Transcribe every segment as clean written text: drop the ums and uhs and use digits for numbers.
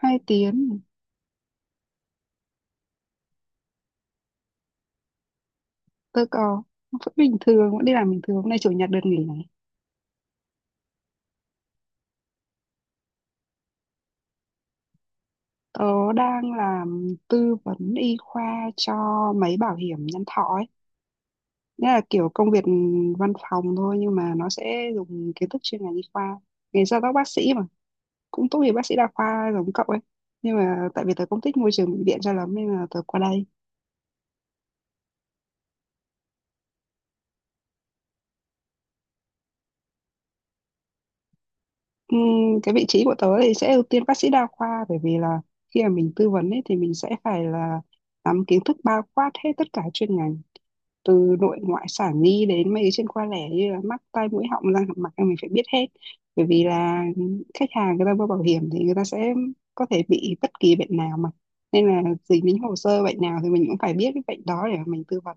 2 tiếng tôi có vẫn bình thường vẫn đi làm bình thường hôm nay chủ nhật được nghỉ này. Tớ đang làm tư vấn y khoa cho mấy bảo hiểm nhân thọ ấy, nghĩa là kiểu công việc văn phòng thôi nhưng mà nó sẽ dùng kiến thức chuyên ngành y khoa, nghề gia tóc bác sĩ mà, cũng tốt nghiệp bác sĩ đa khoa giống cậu ấy, nhưng mà tại vì tớ không thích môi trường bệnh viện cho lắm nên là tớ qua đây. Ừm, cái vị trí của tớ thì sẽ ưu tiên bác sĩ đa khoa bởi vì là khi mà mình tư vấn ấy thì mình sẽ phải là nắm kiến thức bao quát hết tất cả chuyên ngành, từ nội ngoại sản nhi đến mấy cái chuyên khoa lẻ như là mắt tai mũi họng răng hàm mặt là mình phải biết hết, bởi vì là khách hàng người ta mua bảo hiểm thì người ta sẽ có thể bị bất kỳ bệnh nào mà, nên là dính đến hồ sơ bệnh nào thì mình cũng phải biết cái bệnh đó để mà mình tư vấn.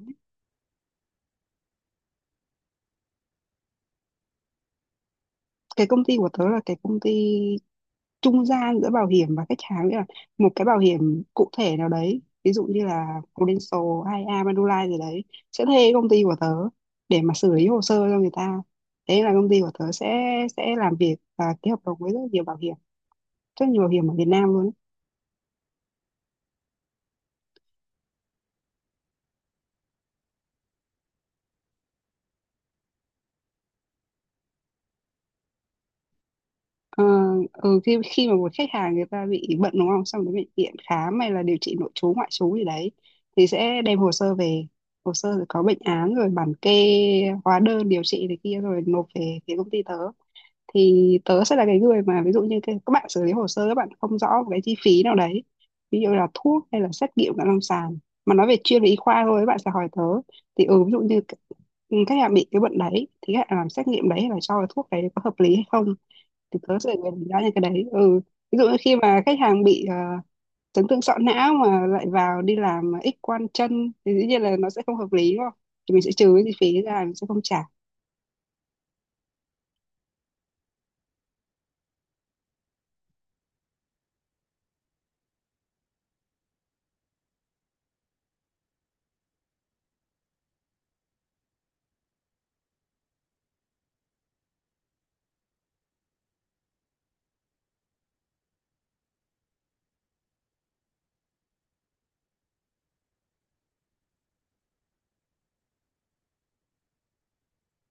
Cái công ty của tớ là cái công ty trung gian giữa bảo hiểm và khách hàng, nghĩa là một cái bảo hiểm cụ thể nào đấy ví dụ như là Prudential hay A Manulife gì đấy sẽ thuê công ty của tớ để mà xử lý hồ sơ cho người ta, thế là công ty của tớ sẽ làm việc và ký hợp đồng với rất nhiều bảo hiểm ở Việt Nam luôn ấy. Ờ, ừ, khi khi mà một khách hàng người ta bị bệnh đúng không, xong đến bệnh viện khám hay là điều trị nội trú ngoại trú gì đấy thì sẽ đem hồ sơ về, hồ sơ rồi có bệnh án rồi bản kê hóa đơn điều trị này kia rồi nộp về phía công ty tớ, thì tớ sẽ là cái người mà ví dụ như cái, các bạn xử lý hồ sơ các bạn không rõ một cái chi phí nào đấy, ví dụ là thuốc hay là xét nghiệm cận lâm sàng, mà nói về chuyên về y khoa thôi các bạn sẽ hỏi tớ, thì ví dụ như khách hàng bị cái bệnh đấy thì khách hàng làm xét nghiệm đấy hay là cho cái thuốc đấy có hợp lý hay không, thì tớ sẽ là người đánh giá những cái đấy, ừ, ví dụ như khi mà khách hàng bị chấn thương sọ não mà lại vào đi làm X quang chân thì dĩ nhiên là nó sẽ không hợp lý đúng không, thì mình sẽ trừ cái chi phí ra mình sẽ không trả.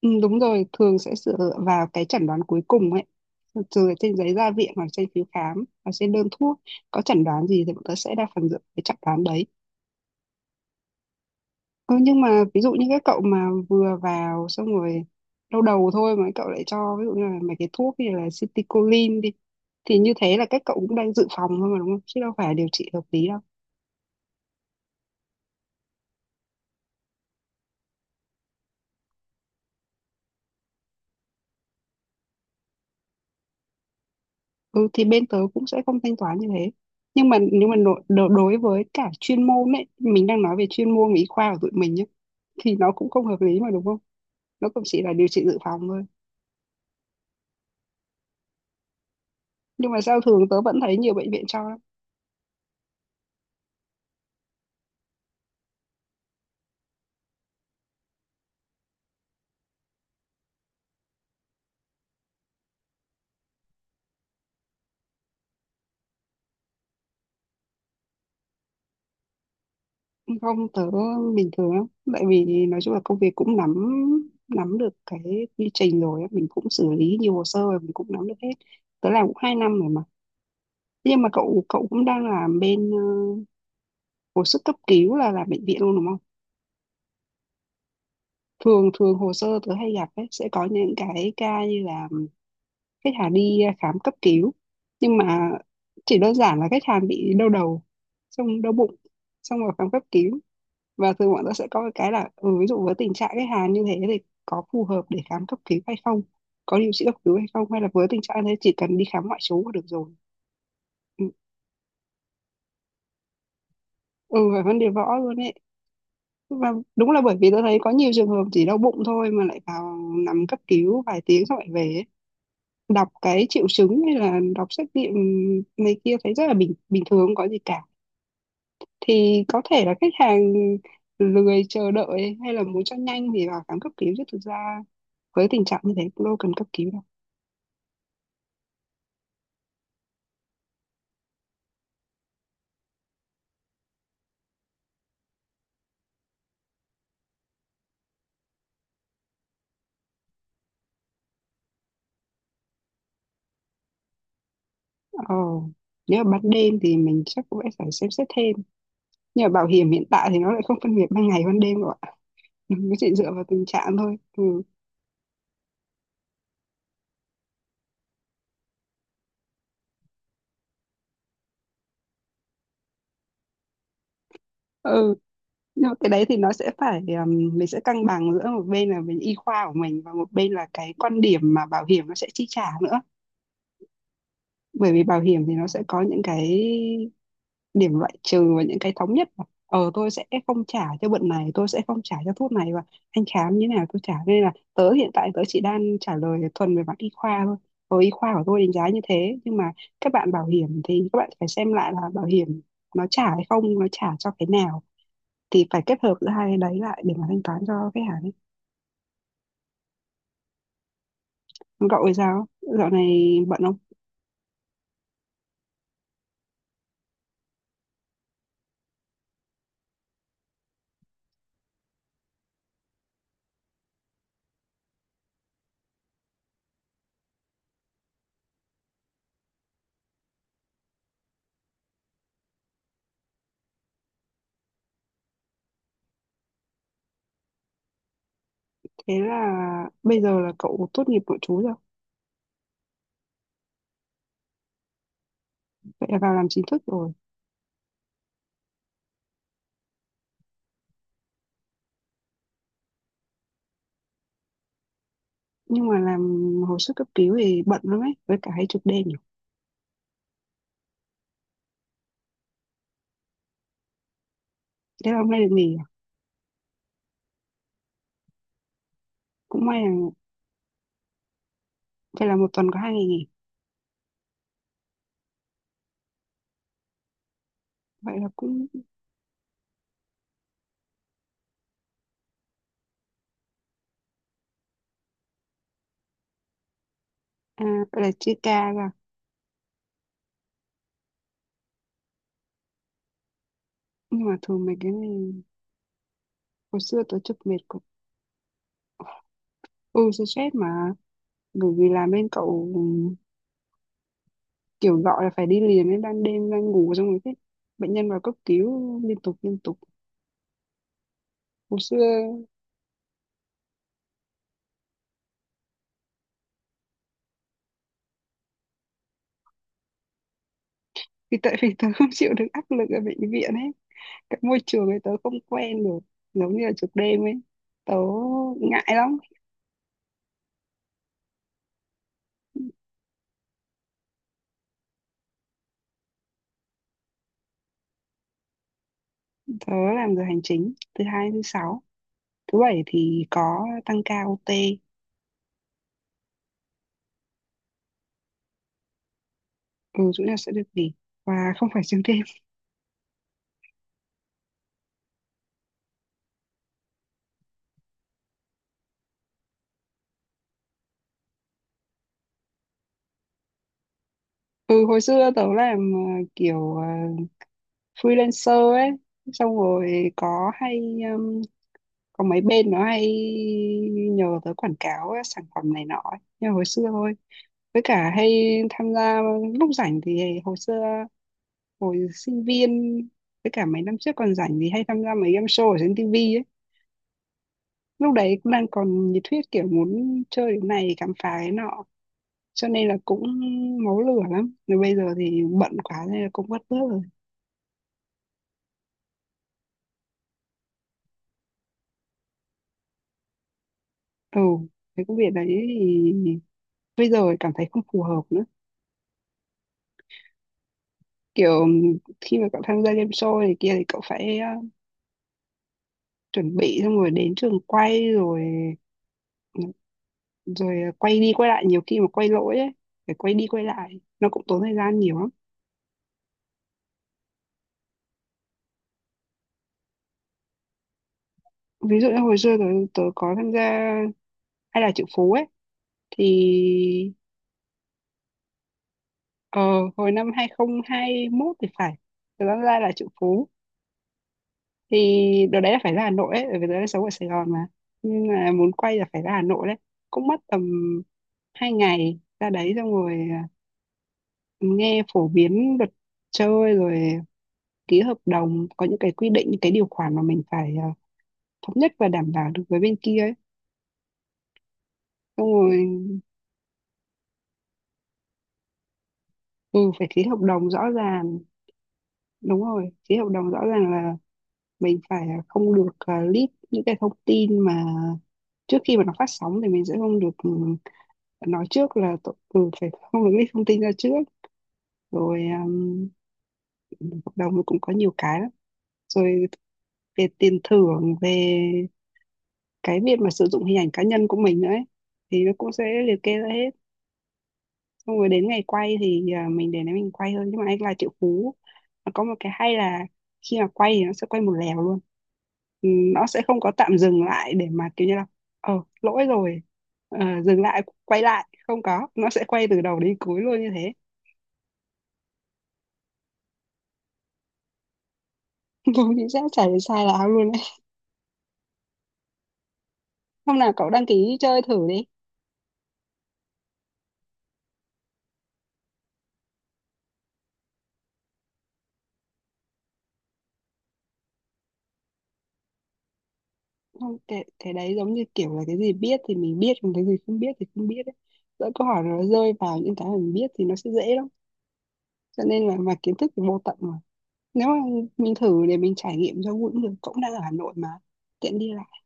Ừ, đúng rồi, thường sẽ dựa vào cái chẩn đoán cuối cùng ấy. Từ trên giấy ra viện hoặc trên phiếu khám hoặc trên đơn thuốc có chẩn đoán gì thì bọn tớ sẽ đa phần dựa vào cái chẩn đoán đấy. Ừ, nhưng mà ví dụ như các cậu mà vừa vào xong rồi lâu đầu thôi mà các cậu lại cho ví dụ như là mấy cái thuốc như là citicoline đi, thì như thế là các cậu cũng đang dự phòng thôi mà đúng không? Chứ đâu phải điều trị hợp lý đâu. Ừ thì bên tớ cũng sẽ không thanh toán như thế. Nhưng mà nếu mà đối với cả chuyên môn ấy, mình đang nói về chuyên môn y khoa của tụi mình nhé, thì nó cũng không hợp lý mà đúng không? Nó cũng chỉ là điều trị dự phòng thôi. Nhưng mà sao thường tớ vẫn thấy nhiều bệnh viện cho lắm. Không, tớ bình thường lắm. Tại vì nói chung là công việc cũng nắm nắm được cái quy trình rồi, á, mình cũng xử lý nhiều hồ sơ rồi, mình cũng nắm được hết. Tớ làm cũng 2 năm rồi mà. Nhưng mà cậu cậu cũng đang làm bên hồi sức cấp cứu là làm bệnh viện luôn đúng không? Thường thường hồ sơ tớ hay gặp ấy, sẽ có những cái ca như là khách hàng đi khám cấp cứu nhưng mà chỉ đơn giản là khách hàng bị đau đầu, xong đau bụng, xong rồi khám cấp cứu, và thường bọn tớ sẽ có cái là ừ, ví dụ với tình trạng khách hàng như thế thì có phù hợp để khám cấp cứu hay không, có điều trị cấp cứu hay không, hay là với tình trạng thế chỉ cần đi khám ngoại trú là được rồi, ừ, ừ, phải vấn đề võ luôn ấy, và đúng là bởi vì tôi thấy có nhiều trường hợp chỉ đau bụng thôi mà lại vào nằm cấp cứu vài tiếng xong lại về ấy, đọc cái triệu chứng hay là đọc xét nghiệm này kia thấy rất là bình bình thường không có gì cả, thì có thể là khách hàng lười chờ đợi hay là muốn cho nhanh thì vào khám cấp cứu chứ thực ra với tình trạng như thế cũng đâu cần cấp cứu đâu. Ờ nếu mà ban đêm thì mình chắc cũng sẽ phải xem xét thêm, nhưng mà bảo hiểm hiện tại thì nó lại không phân biệt ban ngày ban đêm rồi ạ. Mình chỉ dựa vào tình trạng thôi, ừ, ừ, nhưng mà cái đấy thì nó sẽ phải mình sẽ cân bằng giữa một bên là bên y khoa của mình và một bên là cái quan điểm mà bảo hiểm nó sẽ chi trả nữa, bởi vì bảo hiểm thì nó sẽ có những cái điểm loại trừ và những cái thống nhất mà. Ờ tôi sẽ không trả cho bệnh này tôi sẽ không trả cho thuốc này và anh khám như thế nào tôi trả, nên là tớ hiện tại tớ chỉ đang trả lời thuần về mặt y khoa thôi, y khoa của tôi đánh giá như thế, nhưng mà các bạn bảo hiểm thì các bạn phải xem lại là bảo hiểm nó trả hay không nó trả cho cái nào, thì phải kết hợp giữa hai cái đấy lại để mà thanh toán cho khách hàng ấy. Còn cậu thì sao dạo này bận không? Thế là bây giờ là cậu tốt nghiệp nội trú rồi, vậy là vào làm chính thức rồi. Nhưng mà làm hồi sức cấp cứu thì bận lắm ấy, với cả hay trực đêm nhiều. Thế là hôm nay được nghỉ à? Cũng may là phải là một tuần có 2 ngày nghỉ, vậy là cũng. À, vậy là chia ca ra, nhưng mà thường mấy cái này hồi xưa tôi trực mệt cực, ừ tôi stress mà, bởi vì làm bên cậu kiểu gọi là phải đi liền ấy, ban đêm đang ngủ xong rồi thế bệnh nhân vào cấp cứu liên tục liên tục. Hồi xưa vì tại vì tớ không chịu được áp lực ở bệnh viện ấy, cái môi trường ấy tớ không quen được, giống như là trực đêm ấy tớ ngại lắm. Tớ làm giờ hành chính thứ hai đến thứ sáu. Thứ bảy thì có tăng ca OT. Ừ, chủ nhật sẽ được nghỉ và không phải xuyên đêm. Ừ, hồi xưa tớ làm kiểu freelancer ấy. Xong rồi có hay um, có mấy bên nó hay nhờ tớ quảng cáo ấy, sản phẩm này nọ ấy. Nhưng mà hồi xưa thôi. Với cả hay tham gia lúc rảnh thì hồi xưa, hồi sinh viên, với cả mấy năm trước còn rảnh thì hay tham gia mấy game show ở trên TV. Lúc đấy cũng đang còn nhiệt huyết, kiểu muốn chơi cái này khám phá cái nọ, cho nên là cũng máu lửa lắm. Rồi bây giờ thì bận quá nên là cũng vất vớt rồi. Ừ, cái công việc đấy thì bây giờ cảm thấy không phù hợp nữa. Kiểu khi mà cậu tham gia game show này kia thì cậu phải chuẩn bị, xong rồi đến trường quay, rồi rồi quay đi quay lại, nhiều khi mà quay lỗi ấy, phải quay đi quay lại nó cũng tốn thời gian nhiều lắm. Ví dụ như hồi xưa tớ có tham gia hay là Triệu Phú ấy, thì ờ, hồi năm 2021 thì phải. Từ Văn Lai Là Triệu Phú thì đợt đấy là phải ra Hà Nội ấy, bởi vì đợt đấy sống ở Sài Gòn mà. Nhưng mà muốn quay là phải ra Hà Nội đấy. Cũng mất tầm 2 ngày ra đấy, xong rồi nghe phổ biến luật chơi, rồi ký hợp đồng. Có những cái quy định, những cái điều khoản mà mình phải, thống nhất và đảm bảo được với bên kia ấy. Xong rồi ừ, phải ký hợp đồng rõ ràng. Đúng rồi, ký hợp đồng rõ ràng, mình phải, không được, leak những cái thông tin mà trước khi mà nó phát sóng thì mình sẽ không được, nói trước là phải không được leak thông tin ra trước. Rồi hợp đồng cũng có nhiều cái lắm, rồi về tiền thưởng, về cái việc mà sử dụng hình ảnh cá nhân của mình nữa ấy, thì nó cũng sẽ liệt kê ra hết. Xong rồi đến ngày quay thì mình để đấy mình quay thôi. Nhưng mà anh là Triệu Phú nó có một cái hay là khi mà quay thì nó sẽ quay một lèo luôn. Ừ, nó sẽ không có tạm dừng lại để mà kiểu như là ờ lỗi rồi, ờ, dừng lại quay lại, không có, nó sẽ quay từ đầu đến cuối luôn như thế. Đúng, chính xác, chả để sai là ao luôn đấy. Hôm nào cậu đăng ký chơi thử đi. Không, cái đấy giống như kiểu là cái gì biết thì mình biết, còn cái gì không biết thì không biết đấy. Lỡ câu hỏi nó rơi vào những cái mình biết thì nó sẽ dễ lắm. Cho nên là mà kiến thức thì vô tận mà, nếu mà mình thử để mình trải nghiệm cho cũng được, cũng đang ở Hà Nội mà, tiện đi lại.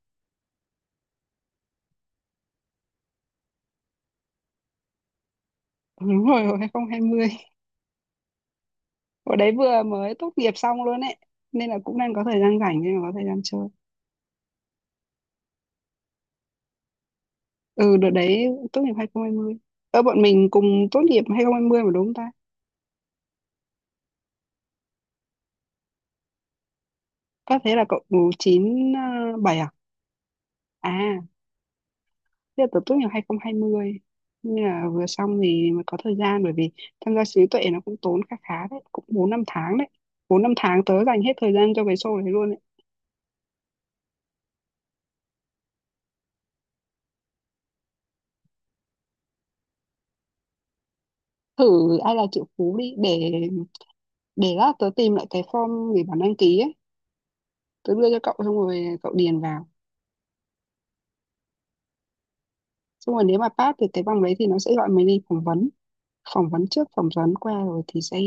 Đúng rồi, hồi 2020 ở đấy vừa mới tốt nghiệp xong luôn ấy, nên là cũng đang có thời gian rảnh nên là có thời gian chơi. Ừ, đợt đấy tốt nghiệp 2020. Ơ, bọn mình cùng tốt nghiệp 2020 mà, đúng không ta? Có, thế là cậu 97 à? À, thế là tớ tốt nghiệp 2020, nhưng là vừa xong thì mới có thời gian, bởi vì tham gia trí tuệ nó cũng tốn khá khá đấy, cũng 4 5 tháng đấy. 4 5 tháng tớ dành hết thời gian cho cái show đấy luôn. Thử Ai Là Triệu Phú đi, để lát tớ tìm lại cái form để bản đăng ký ấy, tớ đưa cho cậu xong rồi cậu điền vào. Xong rồi nếu mà pass thì cái bằng đấy thì nó sẽ gọi mình đi phỏng vấn. Phỏng vấn trước, phỏng vấn qua rồi thì sẽ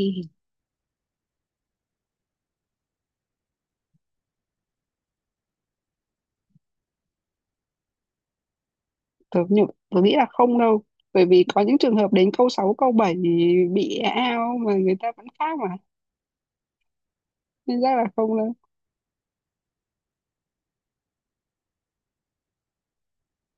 tớ nghĩ là không đâu, bởi vì có những trường hợp đến câu 6 câu 7 bị e ao mà người ta vẫn khác mà, nên chắc là không đâu.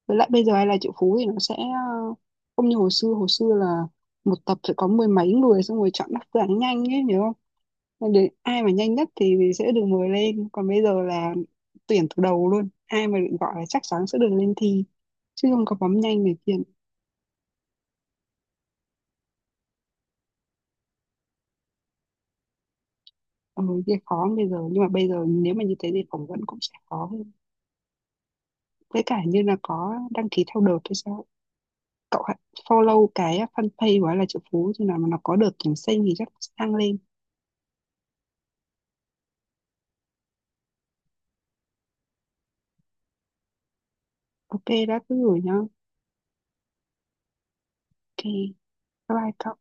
Với lại bây giờ Ai Là Triệu Phú thì nó sẽ không như hồi xưa. Hồi xưa là một tập sẽ có mười mấy người, xong rồi chọn đáp án nhanh ấy nhớ. Còn đến ai mà nhanh nhất thì sẽ được mời lên. Còn bây giờ là tuyển từ đầu luôn, ai mà được gọi là chắc chắn sẽ được lên thi, chứ không có bấm nhanh này kia. Ừ, kia khó bây giờ, nhưng mà bây giờ nếu mà như thế thì phỏng vấn cũng sẽ khó hơn, với cả như là có đăng ký theo đợt hay sao. Cậu hãy follow cái fanpage của Là Triệu Phú, thì nào mà nó có đợt tuyển sinh thì chắc sẽ đăng lên. Ok, đã, cứ gửi nhá. Ok, bye bye cậu.